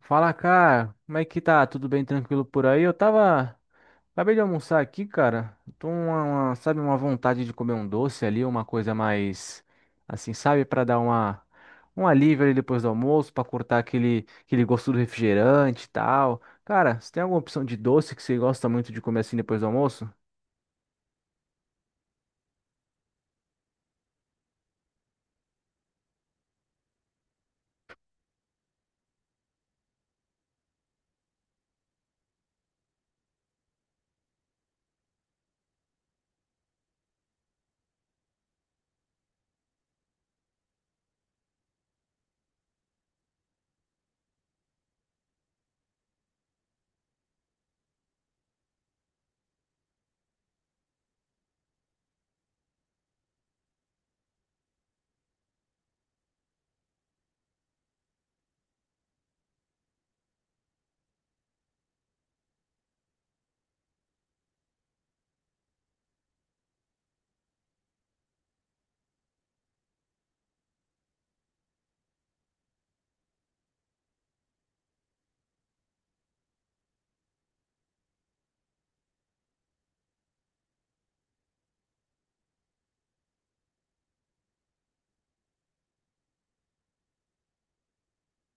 Fala, cara. Como é que tá? Tudo bem, tranquilo por aí? Eu tava. Acabei de almoçar aqui, cara. Tô sabe, uma vontade de comer um doce ali, uma coisa mais assim, sabe, pra dar uma um alívio ali depois do almoço, pra cortar aquele gosto do refrigerante e tal. Cara, você tem alguma opção de doce que você gosta muito de comer assim depois do almoço?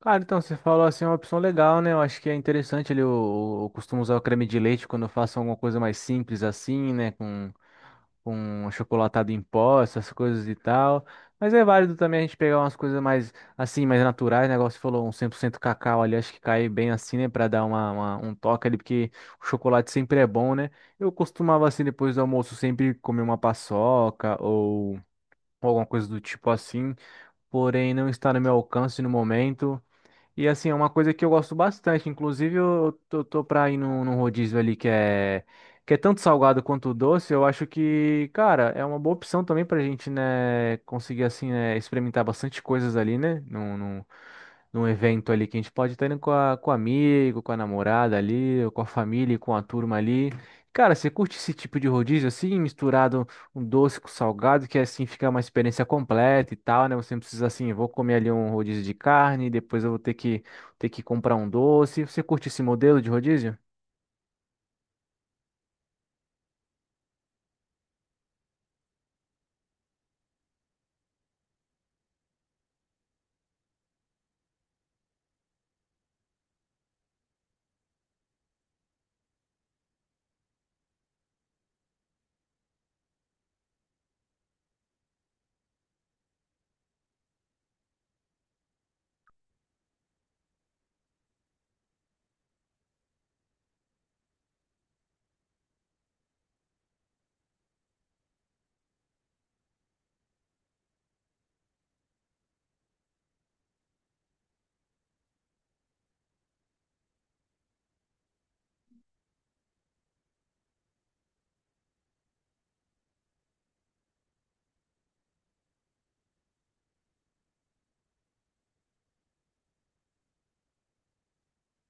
Cara, então você falou assim, é uma opção legal, né? Eu acho que é interessante ali. Eu costumo usar o creme de leite quando eu faço alguma coisa mais simples assim, né? Com achocolatado em pó, essas coisas e tal. Mas é válido também a gente pegar umas coisas mais, assim, mais naturais, né? Igual você falou, um 100% cacau ali, acho que cai bem assim, né? Pra dar um toque ali, porque o chocolate sempre é bom, né? Eu costumava, assim, depois do almoço, sempre comer uma paçoca ou alguma coisa do tipo assim. Porém, não está no meu alcance no momento. E assim, é uma coisa que eu gosto bastante. Inclusive, eu tô pra ir num rodízio ali que é tanto salgado quanto doce. Eu acho que, cara, é uma boa opção também pra gente, né, conseguir, assim, né, experimentar bastante coisas ali, né? Num evento ali que a gente pode estar indo com a, com amigo, com a namorada ali, ou com a família, e com a turma ali. Cara, você curte esse tipo de rodízio assim, misturado um doce com salgado, que assim fica uma experiência completa e tal, né? Você não precisa assim, vou comer ali um rodízio de carne, depois eu vou ter que comprar um doce. Você curte esse modelo de rodízio?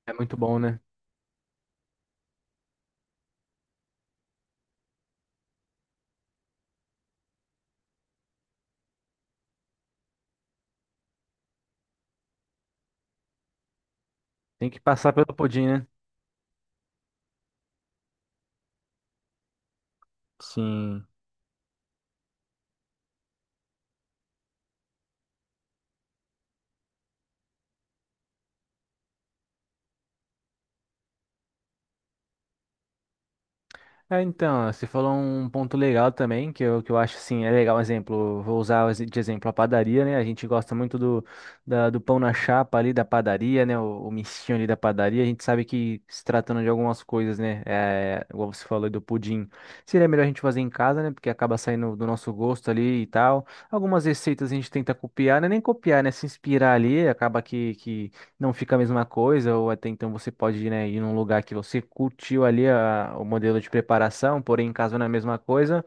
É muito bom, né? Tem que passar pelo pudim, né? Sim. É, então, você falou um ponto legal também, que que eu acho, assim, é legal, exemplo, vou usar de exemplo a padaria, né? A gente gosta muito do pão na chapa ali da padaria, né? O mistinho ali da padaria, a gente sabe que se tratando de algumas coisas, né? É, igual você falou aí do pudim, seria melhor a gente fazer em casa, né? Porque acaba saindo do nosso gosto ali e tal. Algumas receitas a gente tenta copiar, né? Nem copiar, né? Se inspirar ali, acaba que não fica a mesma coisa, ou até então você pode, né, ir num lugar que você curtiu o modelo de preparação, porém em casa não é a mesma coisa.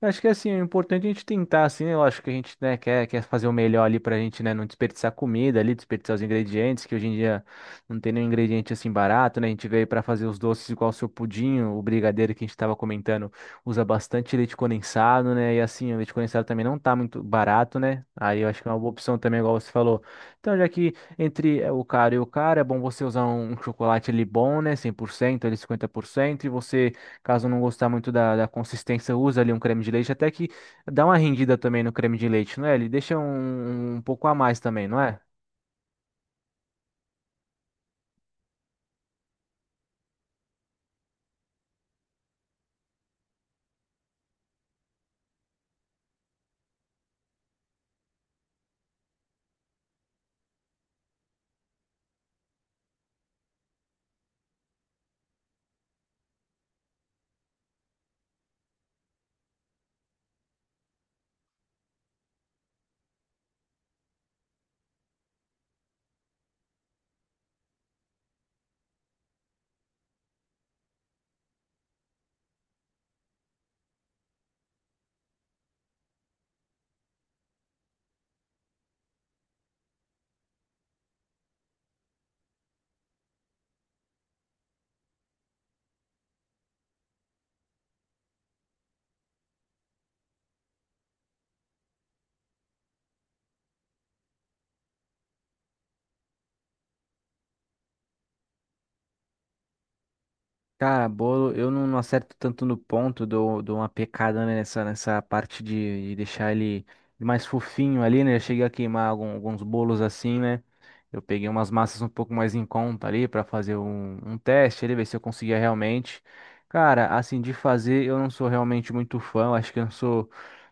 Eu acho que assim, é importante a gente tentar, assim, eu acho que a gente, né, quer fazer o melhor ali pra gente, né, não desperdiçar comida ali, desperdiçar os ingredientes, que hoje em dia não tem nenhum ingrediente assim barato, né? A gente veio pra fazer os doces igual o seu pudim, o brigadeiro que a gente tava comentando, usa bastante leite condensado, né? E assim, o leite condensado também não tá muito barato, né? Aí eu acho que é uma boa opção também, igual você falou. Então, já que entre o caro e o caro, é bom você usar um chocolate ali bom, né, 100%, ali 50%, e você, caso não gostar muito da consistência, usa ali um creme de leite, até que dá uma rendida também no creme de leite, não é? Ele deixa um pouco a mais também, não é? Cara, bolo, eu não acerto tanto no ponto, dou uma pecada né, nessa parte de deixar ele mais fofinho ali, né? Eu cheguei a queimar alguns bolos assim, né? Eu peguei umas massas um pouco mais em conta ali para fazer um teste ali, ver se eu conseguia realmente. Cara, assim, de fazer, eu não sou realmente muito fã, eu acho que eu não sou.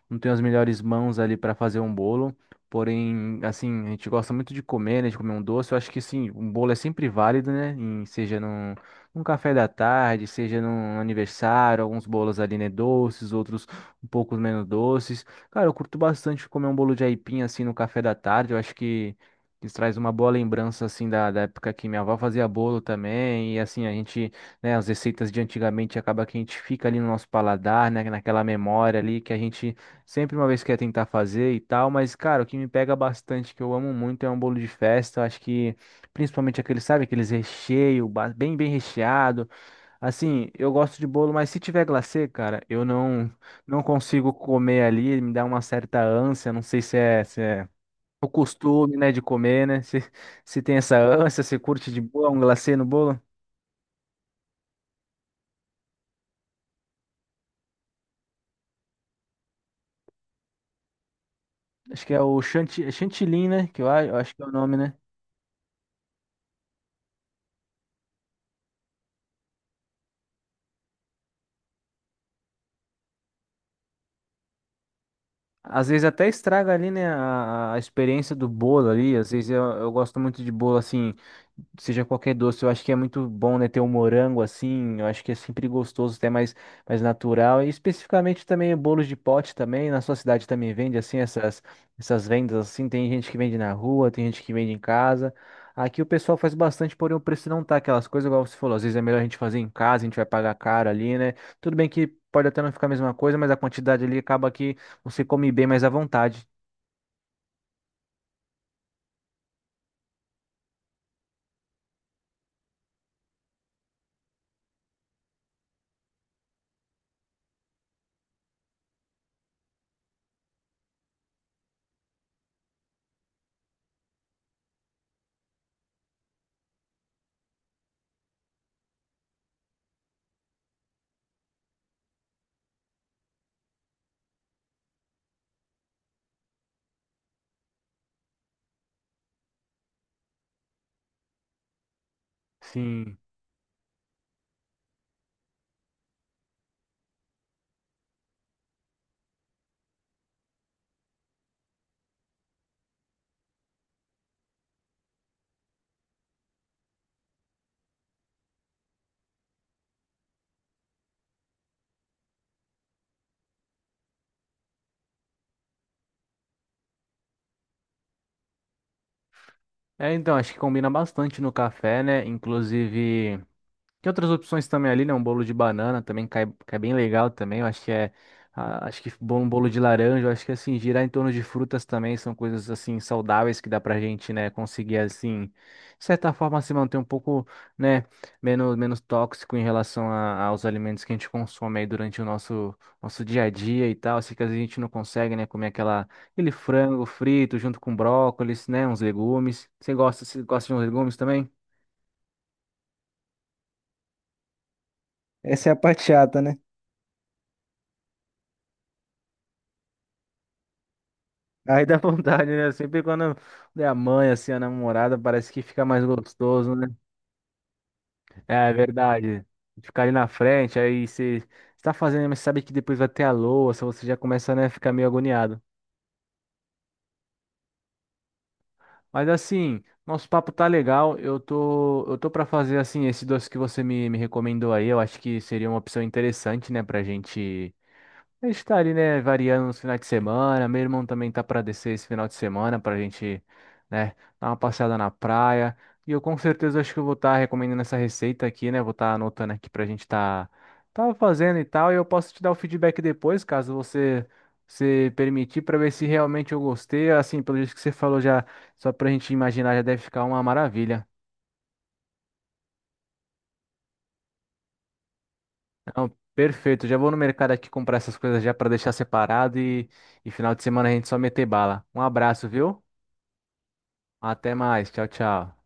Não tenho as melhores mãos ali para fazer um bolo. Porém, assim, a gente gosta muito de comer, né? De comer um doce. Eu acho que sim, um bolo é sempre válido, né? Seja num, num café da tarde, seja num aniversário, alguns bolos ali, né? Doces, outros um pouco menos doces. Cara, eu curto bastante comer um bolo de aipim assim no café da tarde. Eu acho que isso traz uma boa lembrança assim da época que minha avó fazia bolo também. E assim, a gente, né, as receitas de antigamente acaba que a gente fica ali no nosso paladar, né, naquela memória ali que a gente sempre uma vez quer tentar fazer e tal, mas, cara, o que me pega bastante, que eu amo muito, é um bolo de festa. Acho que, principalmente aquele, sabe, aqueles recheio, bem, bem recheado. Assim, eu gosto de bolo, mas se tiver glacê, cara, eu não, não consigo comer ali, me dá uma certa ânsia. Não sei se é o costume, né, de comer, né? Se tem essa ânsia, se curte de boa um glacê no bolo. Acho que é o chantilly, né? Que eu acho que é o nome, né? Às vezes até estraga ali, né, a experiência do bolo ali. Às vezes eu gosto muito de bolo assim, seja qualquer doce, eu acho que é muito bom, né, ter um morango assim, eu acho que é sempre gostoso, até mais, mais natural, e especificamente também bolos de pote também, na sua cidade também vende assim, essas vendas assim, tem gente que vende na rua, tem gente que vende em casa, aqui o pessoal faz bastante, porém o preço não tá aquelas coisas, igual você falou, às vezes é melhor a gente fazer em casa, a gente vai pagar caro ali, né, tudo bem que pode até não ficar a mesma coisa, mas a quantidade ali acaba que você come bem mais à vontade. Sim. É, então, acho que combina bastante no café, né? Inclusive. Tem outras opções também ali, né? Um bolo de banana também cai bem legal também. Eu acho que é ah, acho um bolo de laranja. Eu acho que assim, girar em torno de frutas também são coisas assim saudáveis que dá pra gente, né? Conseguir assim, de certa forma, se manter um pouco, né? Menos tóxico em relação aos alimentos que a gente consome aí durante o nosso dia a dia e tal. Assim que às vezes a gente não consegue, né? Comer aquela, aquele frango frito junto com brócolis, né? Uns legumes. Você gosta de uns legumes também? Essa é a parte chata, né? Aí dá vontade, né? Sempre quando é a mãe, assim, a namorada, parece que fica mais gostoso, né? É, é verdade. Ficar ali na frente, aí você está fazendo, mas sabe que depois vai ter a louça, você já começa, né, a ficar meio agoniado. Mas assim, nosso papo tá legal. Eu tô para fazer assim esse doce que você me recomendou aí. Eu acho que seria uma opção interessante, né, pra gente. A gente tá ali, né, variando nos finais de semana. Meu irmão também tá para descer esse final de semana pra gente, né, dar uma passeada na praia. E eu com certeza acho que eu vou estar recomendando essa receita aqui, né? Vou estar anotando aqui pra gente tá fazendo e tal. E eu posso te dar o feedback depois, caso você se permitir, pra ver se realmente eu gostei. Assim, pelo jeito que você falou já, só pra gente imaginar, já deve ficar uma maravilha. Não, perfeito. Já vou no mercado aqui comprar essas coisas já pra deixar separado e final de semana a gente só meter bala. Um abraço, viu? Até mais. Tchau, tchau.